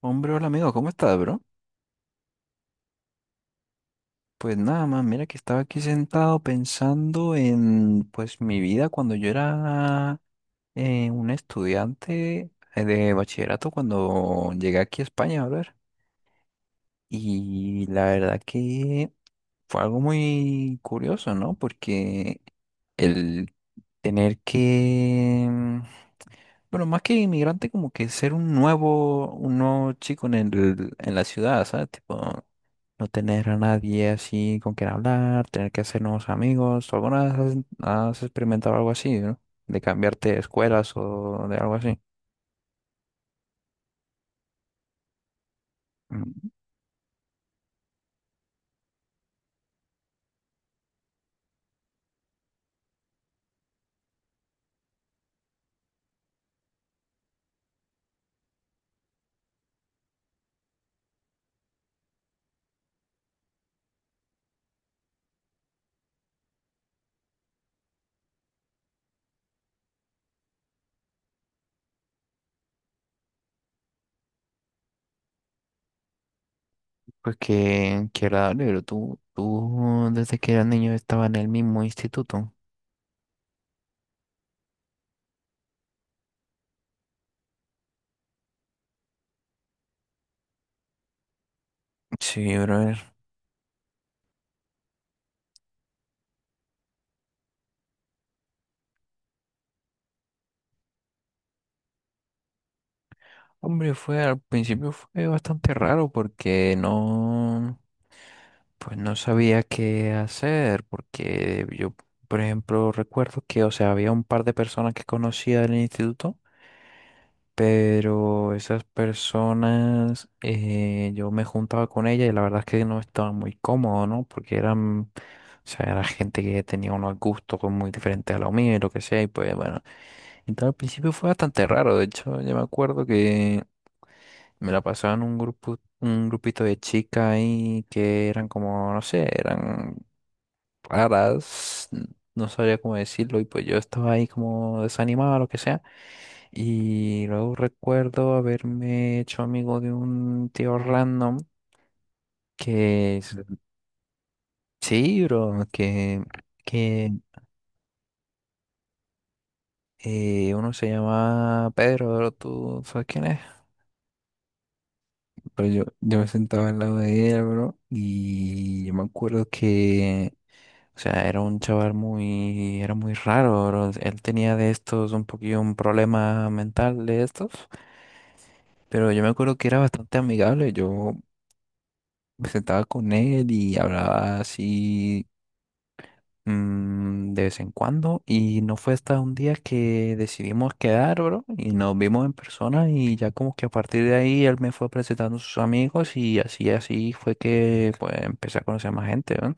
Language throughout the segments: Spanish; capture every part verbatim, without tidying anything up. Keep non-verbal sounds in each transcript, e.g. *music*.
Hombre, hola amigo, ¿cómo estás, bro? Pues nada más, mira que estaba aquí sentado pensando en pues mi vida cuando yo era eh, un estudiante eh, de bachillerato cuando llegué aquí a España, a ver. Y la verdad que fue algo muy curioso, ¿no? Porque el tener que, mm, bueno, más que inmigrante, como que ser un nuevo, un nuevo chico en el, en la ciudad, ¿sabes? Tipo, no tener a nadie así con quien hablar, tener que hacer nuevos amigos. ¿Tú alguna vez has, has experimentado algo así, no? De cambiarte de escuelas o de algo así. Mm. Pues que qué qué agradable, pero tú, tú desde que eras niño estaba en el mismo instituto. Sí, brother. Hombre, fue al principio fue bastante raro porque no, pues no sabía qué hacer, porque yo, por ejemplo, recuerdo que, o sea, había un par de personas que conocía del instituto, pero esas personas, eh, yo me juntaba con ellas y la verdad es que no estaba muy cómodo, ¿no? Porque eran, o sea, era gente que tenía unos gustos pues, muy diferentes a los míos y lo que sea, y pues bueno, entonces al principio fue bastante raro, de hecho, yo me acuerdo que me la pasaba en un grupo, un grupito de chicas ahí que eran como, no sé, eran raras, n- no sabría cómo decirlo, y pues yo estaba ahí como desanimado, lo que sea. Y luego recuerdo haberme hecho amigo de un tío random que, es- sí, bro, que, que eh, uno se llama Pedro, bro, ¿tú sabes quién es? Pero yo, yo me sentaba al lado de él, bro, y yo me acuerdo que, o sea, era un chaval muy, era muy raro, bro. Él tenía de estos un poquillo un problema mental de estos, pero yo me acuerdo que era bastante amigable. Yo me sentaba con él y hablaba así, mm, de vez en cuando. Y no fue hasta un día que decidimos quedar, bro, y nos vimos en persona y ya como que a partir de ahí él me fue presentando a sus amigos y así, así fue que pues empecé a conocer más gente, ¿no?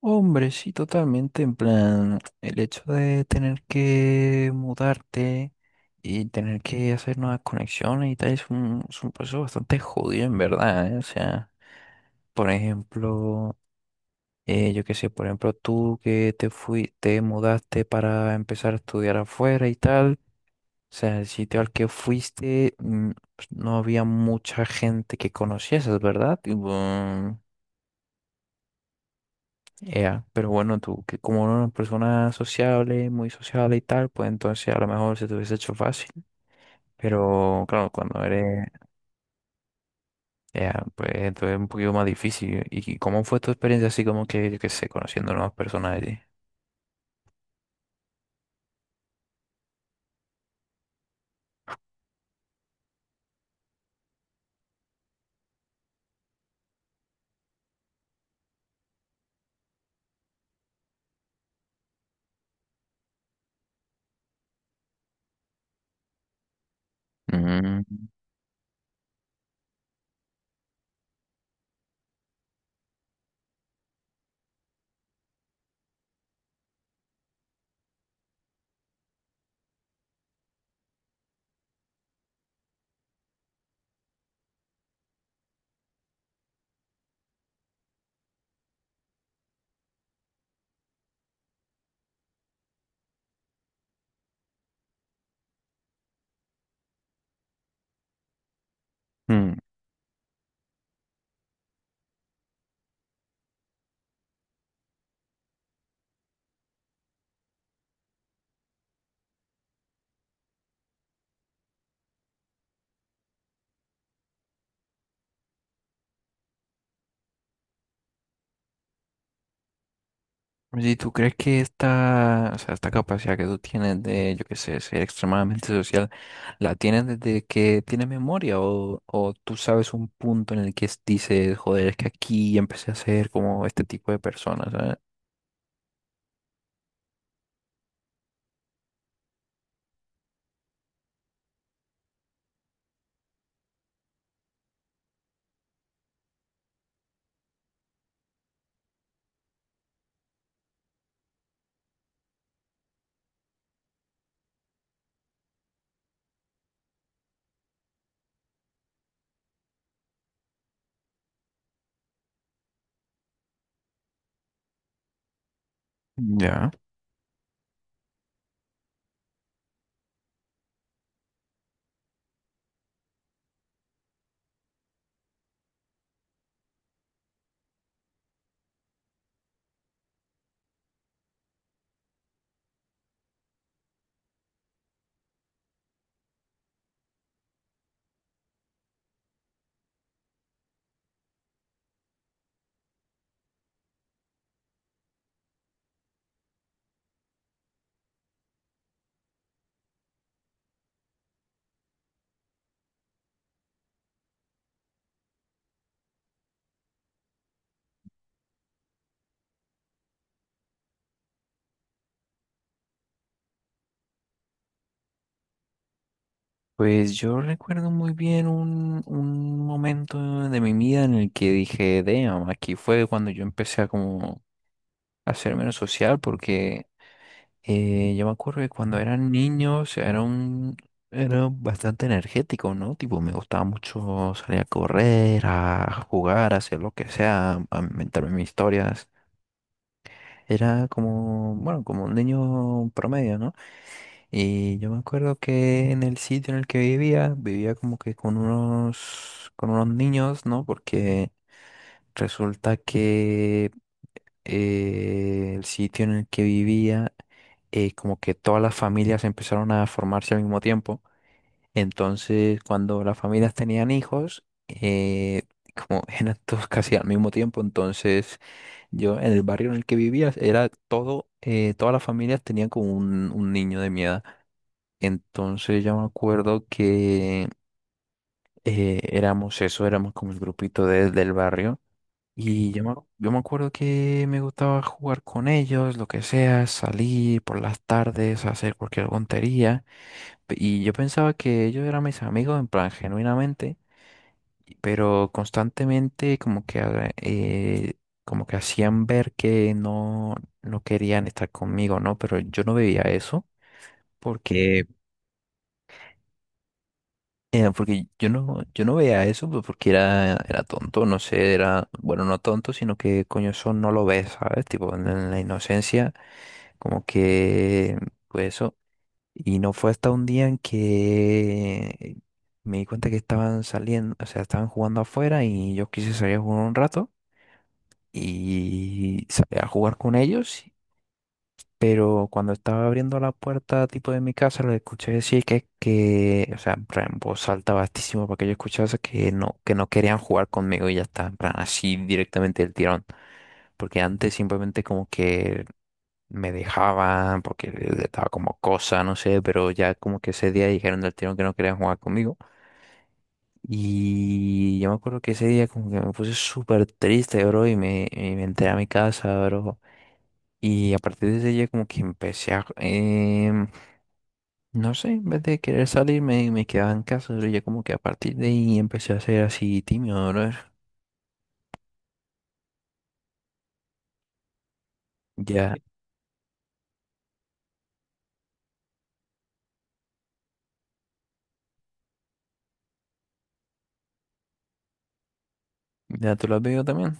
Hombre, sí, totalmente. En plan, el hecho de tener que mudarte y tener que hacer nuevas conexiones y tal es un, es un proceso bastante jodido, en verdad, ¿eh? O sea, por ejemplo, eh, yo qué sé, por ejemplo, tú que te fui, te mudaste para empezar a estudiar afuera y tal. O sea, el sitio al que fuiste, mm, pues, no había mucha gente que conocieses, ¿verdad? Tipo, ea, pero bueno, tú, que como una persona sociable, muy sociable y tal, pues entonces a lo mejor se te hubiese hecho fácil. Pero claro, cuando eres, ea, pues entonces es un poquito más difícil. ¿Y cómo fue tu experiencia así como que, yo qué sé, conociendo nuevas personas allí? Mm, mm. Si tú crees que esta, o sea, esta capacidad que tú tienes de, yo qué sé, ser extremadamente social, ¿la tienes desde que tienes memoria? ¿O, o tú sabes un punto en el que es- dices, joder, es que aquí empecé a ser como este tipo de personas, ¿sabes? Ya. Pues yo recuerdo muy bien un, un momento de mi vida en el que dije, damn, aquí fue cuando yo empecé a como a ser menos social porque Eh, yo me acuerdo que cuando eran niños era un, era bastante energético, ¿no? Tipo, me gustaba mucho salir a correr, a jugar, a hacer lo que sea, a inventarme mis historias. Era como, bueno, como un niño promedio, ¿no? Y yo me acuerdo que en el sitio en el que vivía, vivía como que con unos, con unos niños, ¿no? Porque resulta que eh, el sitio en el que vivía, eh, como que todas las familias empezaron a formarse al mismo tiempo. Entonces, cuando las familias tenían hijos, eh, como *laughs* eran todos casi al mismo tiempo, entonces yo en el barrio en el que vivía era todo, eh, todas las familias tenían como un, un niño de mi edad. Entonces yo me acuerdo que eh, éramos eso, éramos como el grupito de- del barrio. Y yo me, yo me acuerdo que me gustaba jugar con ellos, lo que sea, salir por las tardes, hacer cualquier tontería. Pe- Y yo pensaba que ellos eran mis amigos, en plan, genuinamente, y- pero constantemente como que, ha- eh, como que hacían ver que no, no querían estar conmigo, ¿no? Pero yo no veía eso porque... eh, porque yo no, yo no veía eso pues, porque era, era tonto, no sé, era, bueno, no tonto, sino que coño, eso no lo ves, ¿sabes? Tipo, en en la inocencia, como que, pues eso. Y no fue hasta un día en que me di cuenta que estaban saliendo, o sea, estaban jugando afuera y yo quise salir a jugar un rato y salí a jugar con ellos. Pero cuando estaba abriendo la puerta tipo de mi casa, lo escuché decir que, que, o sea, en plan, en voz alta bastísimo para que yo escuchase que no, que no querían jugar conmigo y ya está, en plan, así directamente el tirón. Porque antes simplemente como que me dejaban porque estaba como cosa, no sé, pero ya como que ese día dijeron del tirón que no querían jugar conmigo. Y yo me acuerdo que ese día como que me puse súper triste, bro, y me, y me entré a mi casa, bro. Y a partir de ese día como que empecé a, em, no sé, en vez de querer salir me, me quedaba en casa, bro. Ya como que a partir de ahí empecé a ser así tímido, bro. Ya, ya tú lo has vivido también.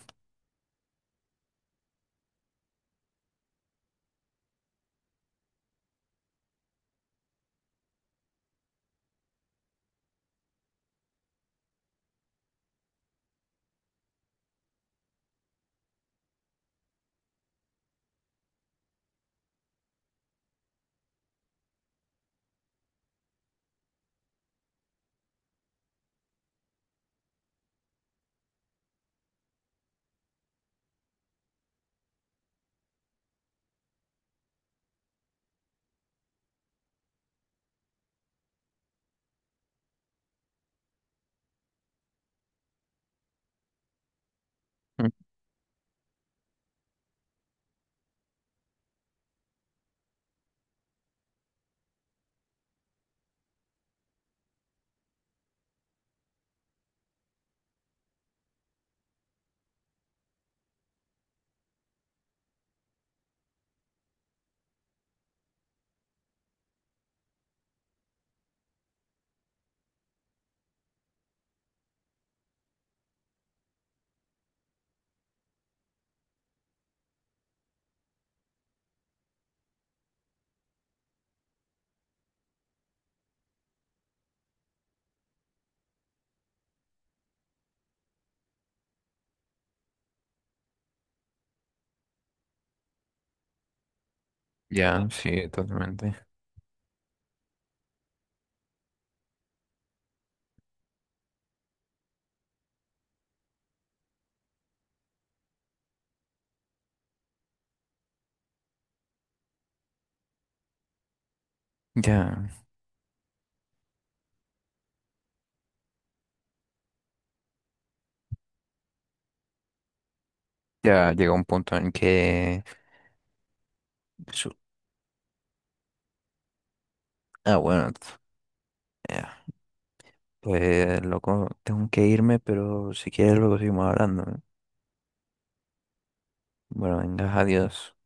Mm. Ya, sí, totalmente. Ya, ya llegó un punto en que su- ah, bueno, ent- eh, pues loco, tengo que irme, pero si quieres luego seguimos hablando, ¿eh? Bueno, venga, adiós.